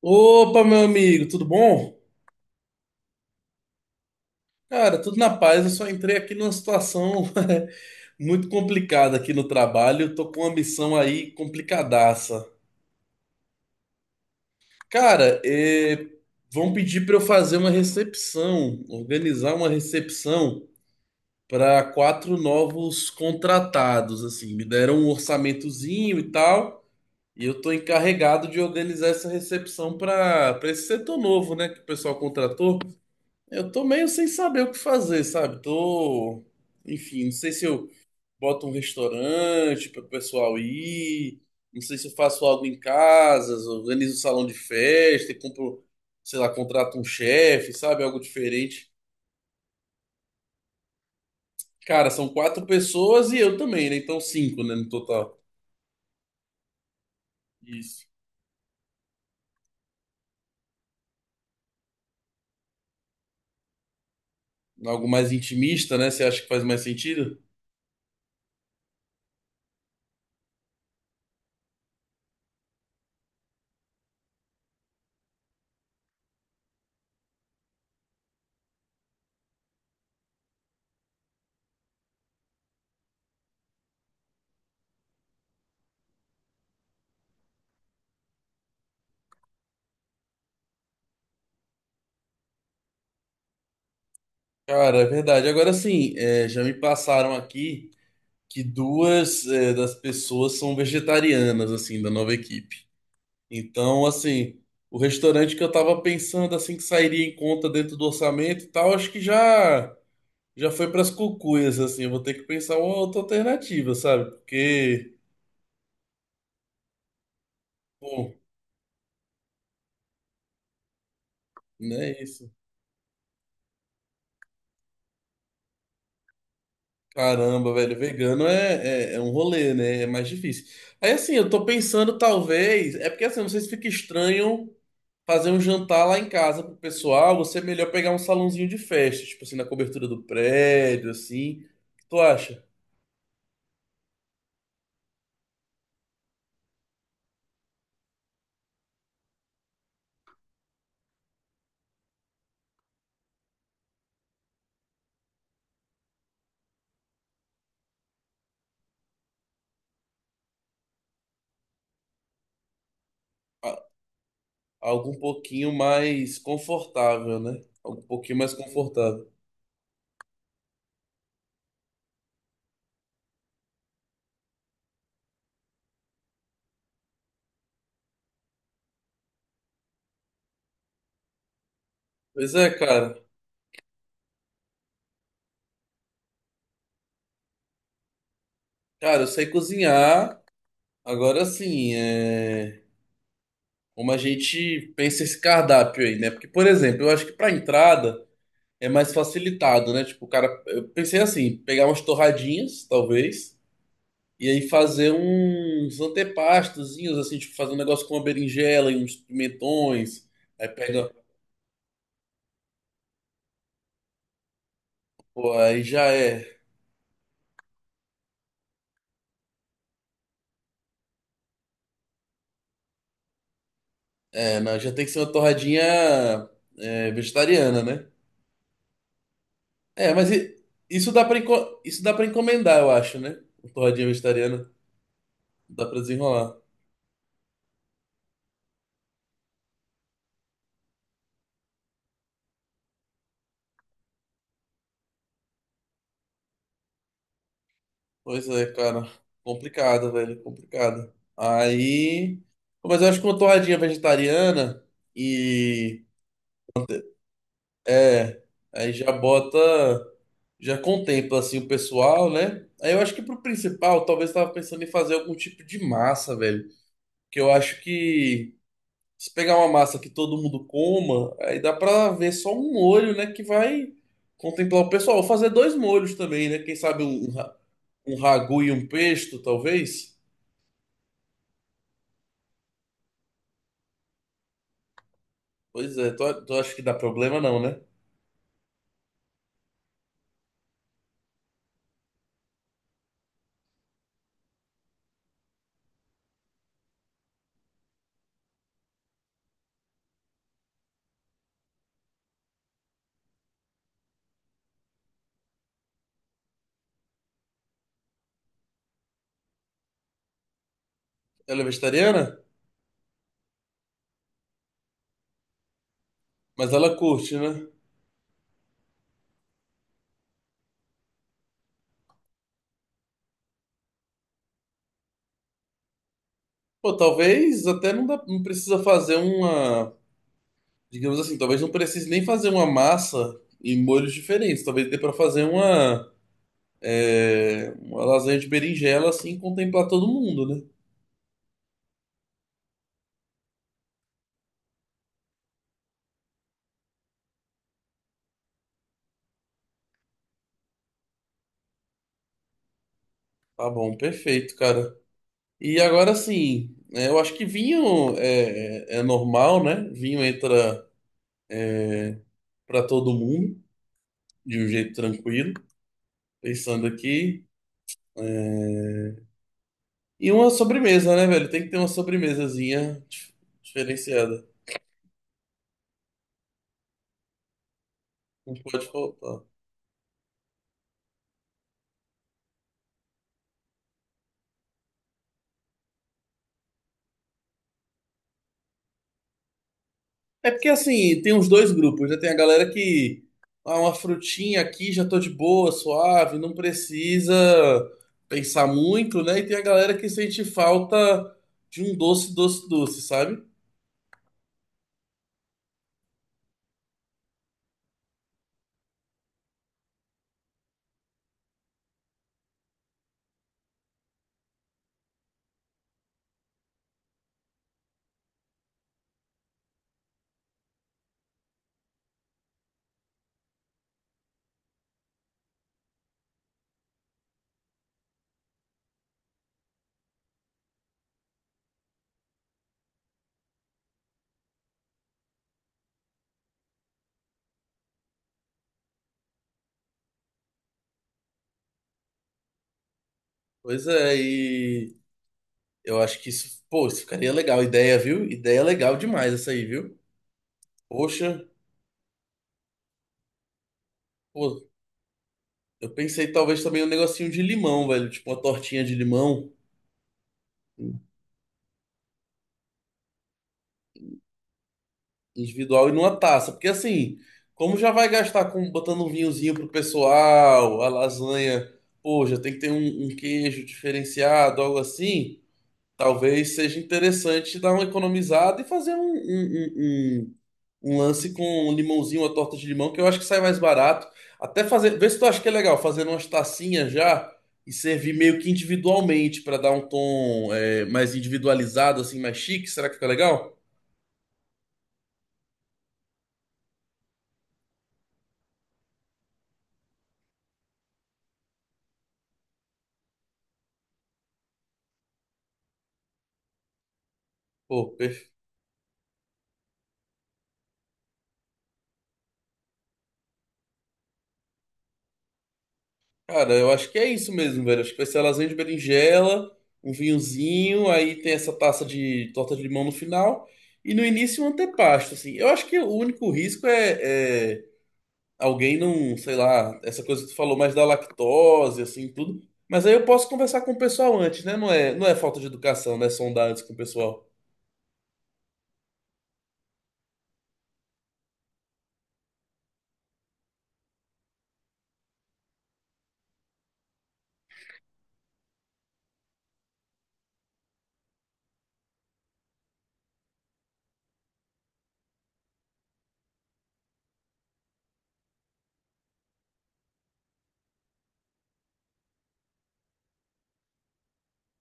Opa, meu amigo, tudo bom? Cara, tudo na paz. Eu só entrei aqui numa situação muito complicada aqui no trabalho. Eu tô com uma missão aí complicadaça. Cara, vão pedir para eu fazer uma recepção, organizar uma recepção para quatro novos contratados. Assim, me deram um orçamentozinho e tal, e eu tô encarregado de organizar essa recepção para esse setor novo, né, que o pessoal contratou. Eu tô meio sem saber o que fazer, sabe? Tô, enfim, não sei se eu boto um restaurante para o pessoal ir, não sei se eu faço algo em casa, organizo um salão de festa e compro, sei lá, contrato um chefe, sabe? Algo diferente. Cara, são quatro pessoas e eu também, né? Então cinco, né, no total. Isso. Algo mais intimista, né? Você acha que faz mais sentido? Cara, é verdade. Agora sim, é, já me passaram aqui que duas das pessoas são vegetarianas, assim, da nova equipe. Então, assim, o restaurante que eu tava pensando, assim, que sairia em conta dentro do orçamento e tal, acho que já foi pras cucuias, assim. Eu vou ter que pensar uma outra alternativa, sabe? Porque, pô, não é isso. Caramba, velho, vegano é um rolê, né? É mais difícil. Aí, assim, eu tô pensando, talvez. É porque, assim, eu não sei se fica estranho fazer um jantar lá em casa pro pessoal, você é melhor pegar um salãozinho de festa, tipo assim, na cobertura do prédio, assim. O que tu acha? A- Algo um pouquinho mais confortável, né? Algo um pouquinho mais confortável. Pois é, cara. Cara, eu sei cozinhar. Agora sim, como a gente pensa esse cardápio aí, né? Porque, por exemplo, eu acho que pra entrada é mais facilitado, né? Tipo, o cara, eu pensei assim, pegar umas torradinhas, talvez. E aí fazer uns antepastozinhos, assim, tipo, fazer um negócio com uma berinjela e uns pimentões. Aí pega, pô, aí já é. É, não, já tem que ser uma torradinha, vegetariana, né? É, mas isso dá pra, isso dá pra encomendar, eu acho, né? Uma torradinha vegetariana. Dá pra desenrolar. Pois é, cara. Complicado, velho. Complicado. Aí, pô, mas eu acho que uma torradinha vegetariana e. É. Aí já bota, já contempla assim o pessoal, né? Aí eu acho que pro principal, talvez eu tava pensando em fazer algum tipo de massa, velho. Que eu acho que se pegar uma massa que todo mundo coma, aí dá pra ver só um molho, né? Que vai contemplar o pessoal. Ou fazer dois molhos também, né? Quem sabe um um ragu e um pesto, talvez? Pois é, tu, tu acha que dá problema não, né? Ela é vegetariana? Mas ela curte, né? Pô, talvez até não, dá, não precisa fazer uma. Digamos assim, talvez não precise nem fazer uma massa em molhos diferentes. Talvez dê pra fazer uma, uma lasanha de berinjela, assim, e contemplar todo mundo, né? Tá bom, perfeito, cara. E agora sim, é, eu acho que vinho é normal, né? Vinho entra pra todo mundo de um jeito tranquilo. Pensando aqui, é, e uma sobremesa, né, velho? Tem que ter uma sobremesazinha diferenciada. Não pode faltar. É porque assim, tem uns dois grupos, já tem a galera que ah, uma frutinha aqui, já tô de boa, suave, não precisa pensar muito, né? E tem a galera que sente falta de um doce, doce, doce, sabe? Pois é, e eu acho que isso, pô, isso ficaria legal, ideia, viu? Ideia legal demais essa aí, viu? Poxa, pô, eu pensei talvez também um negocinho de limão, velho, tipo uma tortinha de limão individual e numa taça. Porque assim, como já vai gastar com botando um vinhozinho pro pessoal, a lasanha, pô, já tem que ter um queijo diferenciado, algo assim. Talvez seja interessante dar uma economizada e fazer um lance com um limãozinho, uma torta de limão, que eu acho que sai mais barato. Até fazer, vê se tu acha que é legal, fazer umas tacinhas já e servir meio que individualmente para dar um tom, mais individualizado, assim, mais chique. Será que fica legal? Pô, perfeito. Cara, eu acho que é isso mesmo, velho. Acho que vai ser lasanha de berinjela, um vinhozinho, aí tem essa taça de torta de limão no final, e no início um antepasto, assim. Eu acho que o único risco é alguém não, sei lá, essa coisa que tu falou mais da lactose, assim, tudo. Mas aí eu posso conversar com o pessoal antes, né? Não é falta de educação, né? Sondar antes com o pessoal.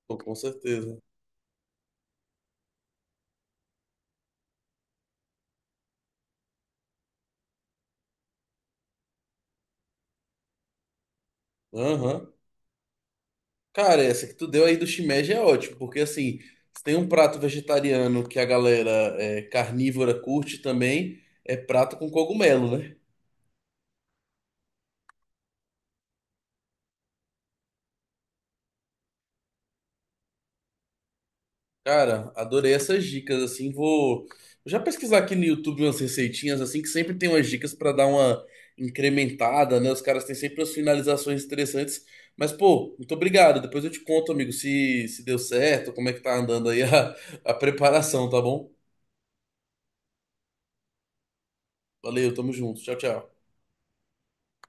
Pô, com certeza. Aham. Cara, essa que tu deu aí do shimeji é ótimo, porque assim, se tem um prato vegetariano que a galera, carnívora, curte também, é prato com cogumelo, né? Cara, adorei essas dicas, assim, vou já pesquisar aqui no YouTube umas receitinhas, assim, que sempre tem umas dicas pra dar uma incrementada, né? Os caras têm sempre umas finalizações interessantes, mas pô, muito obrigado, depois eu te conto, amigo, se deu certo, como é que tá andando aí a preparação, tá bom? Valeu, tamo junto, tchau, tchau.